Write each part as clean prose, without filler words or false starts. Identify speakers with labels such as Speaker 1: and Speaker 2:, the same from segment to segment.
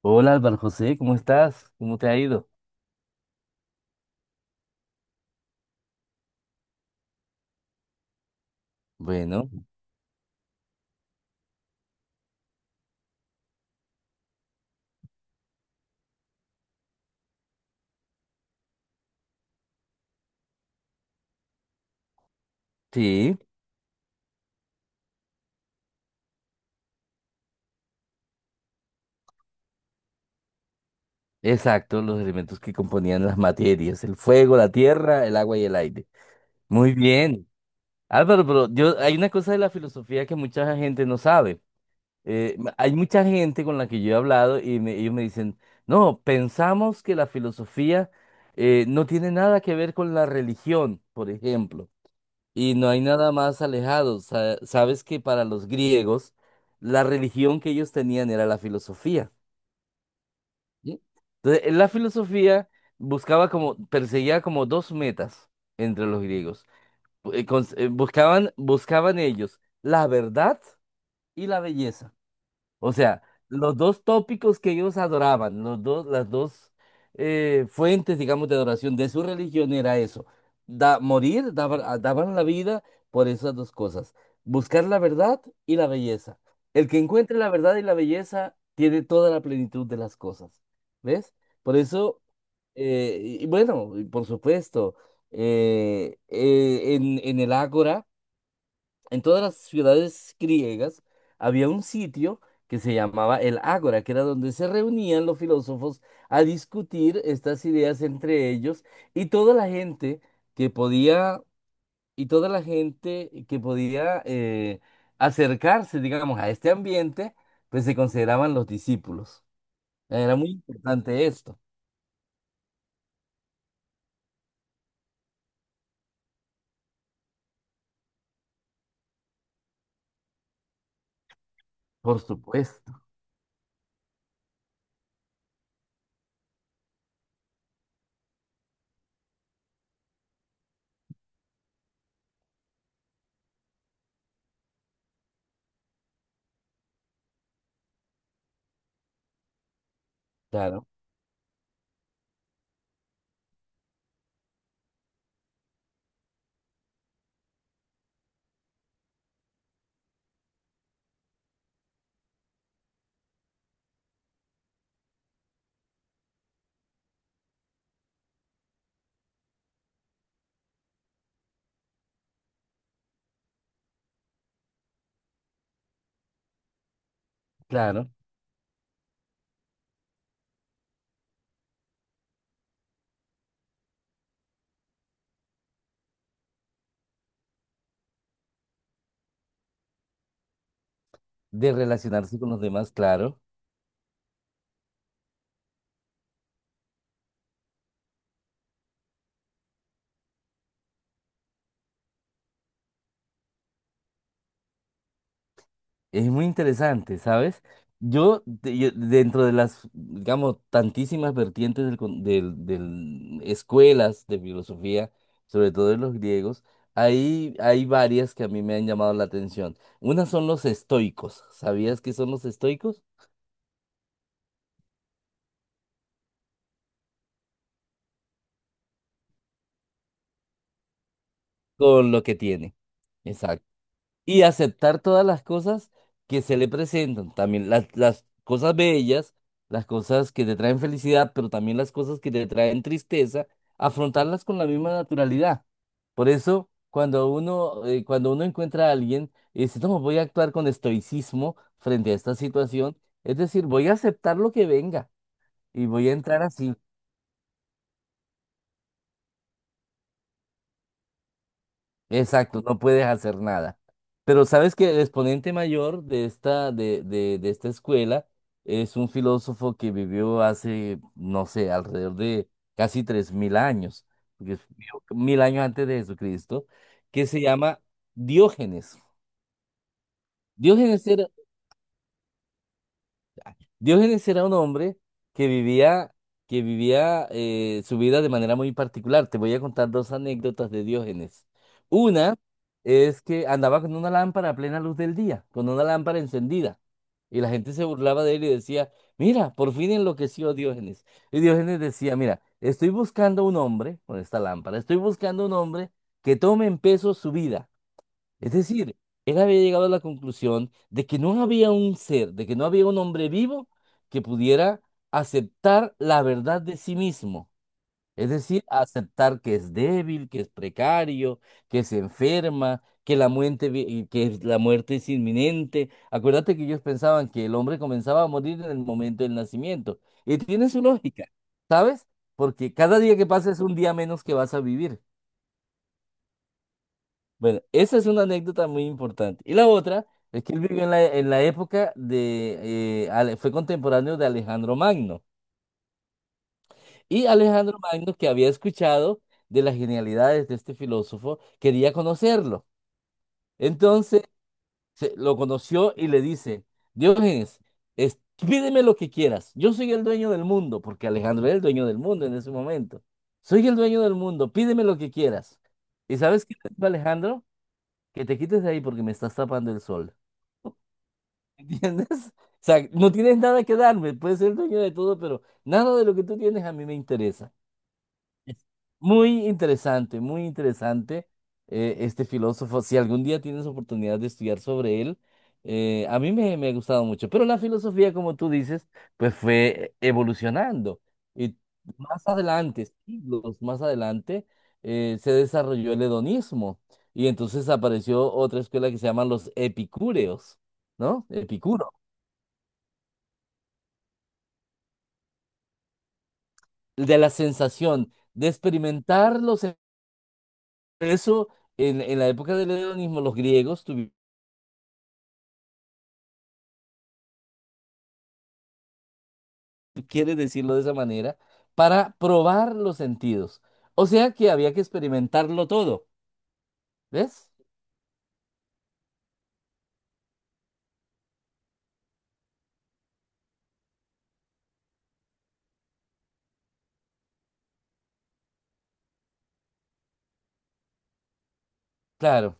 Speaker 1: Hola Álvaro José, ¿cómo estás? ¿Cómo te ha ido? Bueno, sí, exacto, los elementos que componían las materias, el fuego, la tierra, el agua y el aire. Muy bien. Álvaro, pero hay una cosa de la filosofía que mucha gente no sabe. Hay mucha gente con la que yo he hablado y ellos me dicen, no, pensamos que la filosofía no tiene nada que ver con la religión, por ejemplo. Y no hay nada más alejado. Sabes que para los griegos la religión que ellos tenían era la filosofía. ¿Sí? Entonces, en la filosofía buscaba como, perseguía como dos metas entre los griegos. Buscaban ellos la verdad y la belleza. O sea, los dos tópicos que ellos adoraban, los dos, las dos fuentes, digamos, de adoración de su religión era eso. Da, morir, daban, a- daban la vida por esas dos cosas. Buscar la verdad y la belleza. El que encuentre la verdad y la belleza tiene toda la plenitud de las cosas. ¿Ves? Por eso, y bueno, y por supuesto, en el Ágora en todas las ciudades griegas había un sitio que se llamaba el Ágora, que era donde se reunían los filósofos a discutir estas ideas entre ellos y toda la gente que podía y toda la gente que podía acercarse, digamos, a este ambiente, pues se consideraban los discípulos. Era muy importante esto, por supuesto, claro, claro, de relacionarse con los demás, claro. Es muy interesante, ¿sabes? Dentro de las, digamos, tantísimas vertientes del, con- del, del- escuelas de filosofía, sobre todo de los griegos, hay varias que a mí me han llamado la atención. Una son los estoicos. ¿Sabías qué son los estoicos? Con lo que tiene. Exacto. Y aceptar todas las cosas que se le presentan, también las cosas bellas, las cosas que te traen felicidad, pero también las cosas que te traen tristeza, afrontarlas con la misma naturalidad. Por eso, cuando uno encuentra a alguien y dice, no, voy a actuar con estoicismo frente a esta situación, es decir, voy a aceptar lo que venga y voy a entrar así. Exacto, no puedes hacer nada. Pero sabes que el exponente mayor de esta escuela es un filósofo que vivió hace, no sé, alrededor de casi 3000 años, porque vivió 1000 años antes de Jesucristo, que se llama Diógenes. Diógenes era, Diógenes era un hombre que vivía, que vivía su vida de manera muy particular. Te voy a contar dos anécdotas de Diógenes. Una es que andaba con una lámpara a plena luz del día, con una lámpara encendida. Y la gente se burlaba de él y decía, mira, por fin enloqueció Diógenes. Y Diógenes decía, mira, estoy buscando un hombre, con esta lámpara, estoy buscando un hombre que tome en peso su vida. Es decir, él había llegado a la conclusión de que no había un ser, de que no había un hombre vivo que pudiera aceptar la verdad de sí mismo. Es decir, aceptar que es débil, que es precario, que se enferma, que la muerte es inminente. Acuérdate que ellos pensaban que el hombre comenzaba a morir en el momento del nacimiento. Y tiene su lógica, ¿sabes? Porque cada día que pasa es un día menos que vas a vivir. Bueno, esa es una anécdota muy importante. Y la otra es que él vivió en la época. Fue contemporáneo de Alejandro Magno. Y Alejandro Magno, que había escuchado de las genialidades de este filósofo, quería conocerlo. Entonces lo conoció y le dice, Diógenes, pídeme lo que quieras. Yo soy el dueño del mundo, porque Alejandro era el dueño del mundo en ese momento. Soy el dueño del mundo, pídeme lo que quieras. ¿Y sabes qué te dijo Alejandro? Que te quites de ahí porque me estás tapando el sol. ¿Entiendes? O sea, no tienes nada que darme, puedes ser dueño de todo, pero nada de lo que tú tienes a mí me interesa. Es muy interesante este filósofo. Si algún día tienes oportunidad de estudiar sobre él, a mí me ha gustado mucho. Pero la filosofía, como tú dices, pues fue evolucionando. Y más adelante, siglos más adelante, se desarrolló el hedonismo. Y entonces apareció otra escuela que se llaman los epicúreos, ¿no? Epicuro. De la sensación, de experimentarlos. Eso en la época del hedonismo, los griegos, quiere decirlo de esa manera, para probar los sentidos. O sea que había que experimentarlo todo, ¿ves? Claro,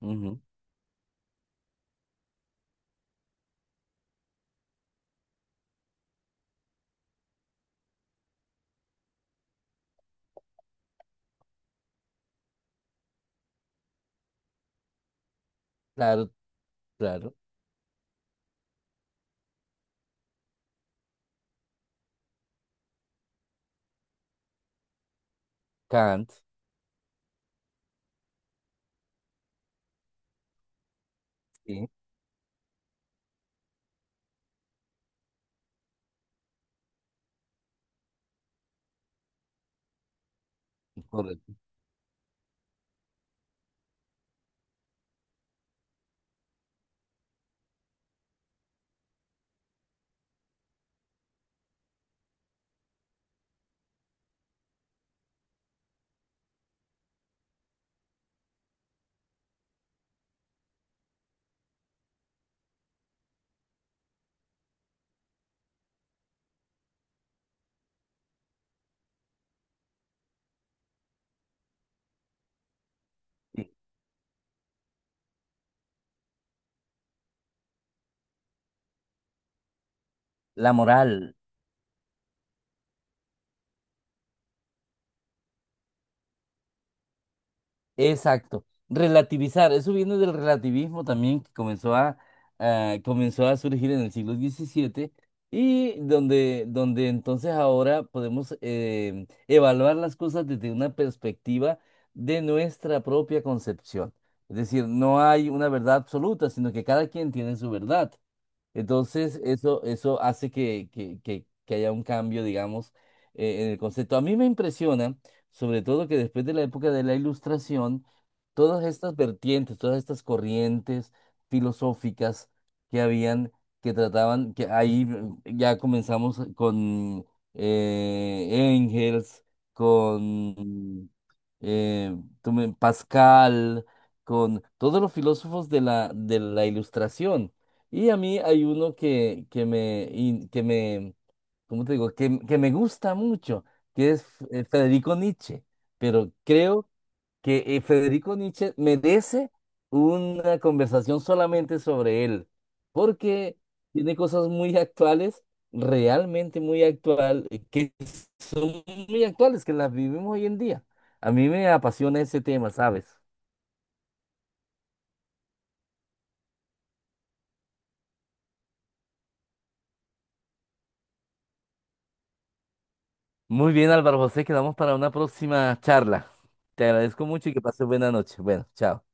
Speaker 1: ujú, claro, claro. Kant, sí, correcto. Sí. La moral. Exacto. Relativizar. Eso viene del relativismo también que comenzó a surgir en el siglo XVII y donde entonces ahora podemos evaluar las cosas desde una perspectiva de nuestra propia concepción. Es decir, no hay una verdad absoluta, sino que cada quien tiene su verdad. Entonces, eso, hace que haya un cambio, digamos, en el concepto. A mí me impresiona, sobre todo, que después de la época de la Ilustración, todas estas vertientes, todas estas corrientes filosóficas que habían, que trataban, que ahí ya comenzamos con Engels, con eh, Pascal, con todos los filósofos de la Ilustración. Y a mí hay uno que, que me, ¿cómo te digo? Que me gusta mucho, que es Federico Nietzsche. Pero creo que Federico Nietzsche merece una conversación solamente sobre él, porque tiene cosas muy actuales, realmente muy actual, que son muy actuales, que las vivimos hoy en día. A mí me apasiona ese tema, ¿sabes? Muy bien, Álvaro José, quedamos para una próxima charla. Te agradezco mucho y que pases buena noche. Bueno, chao.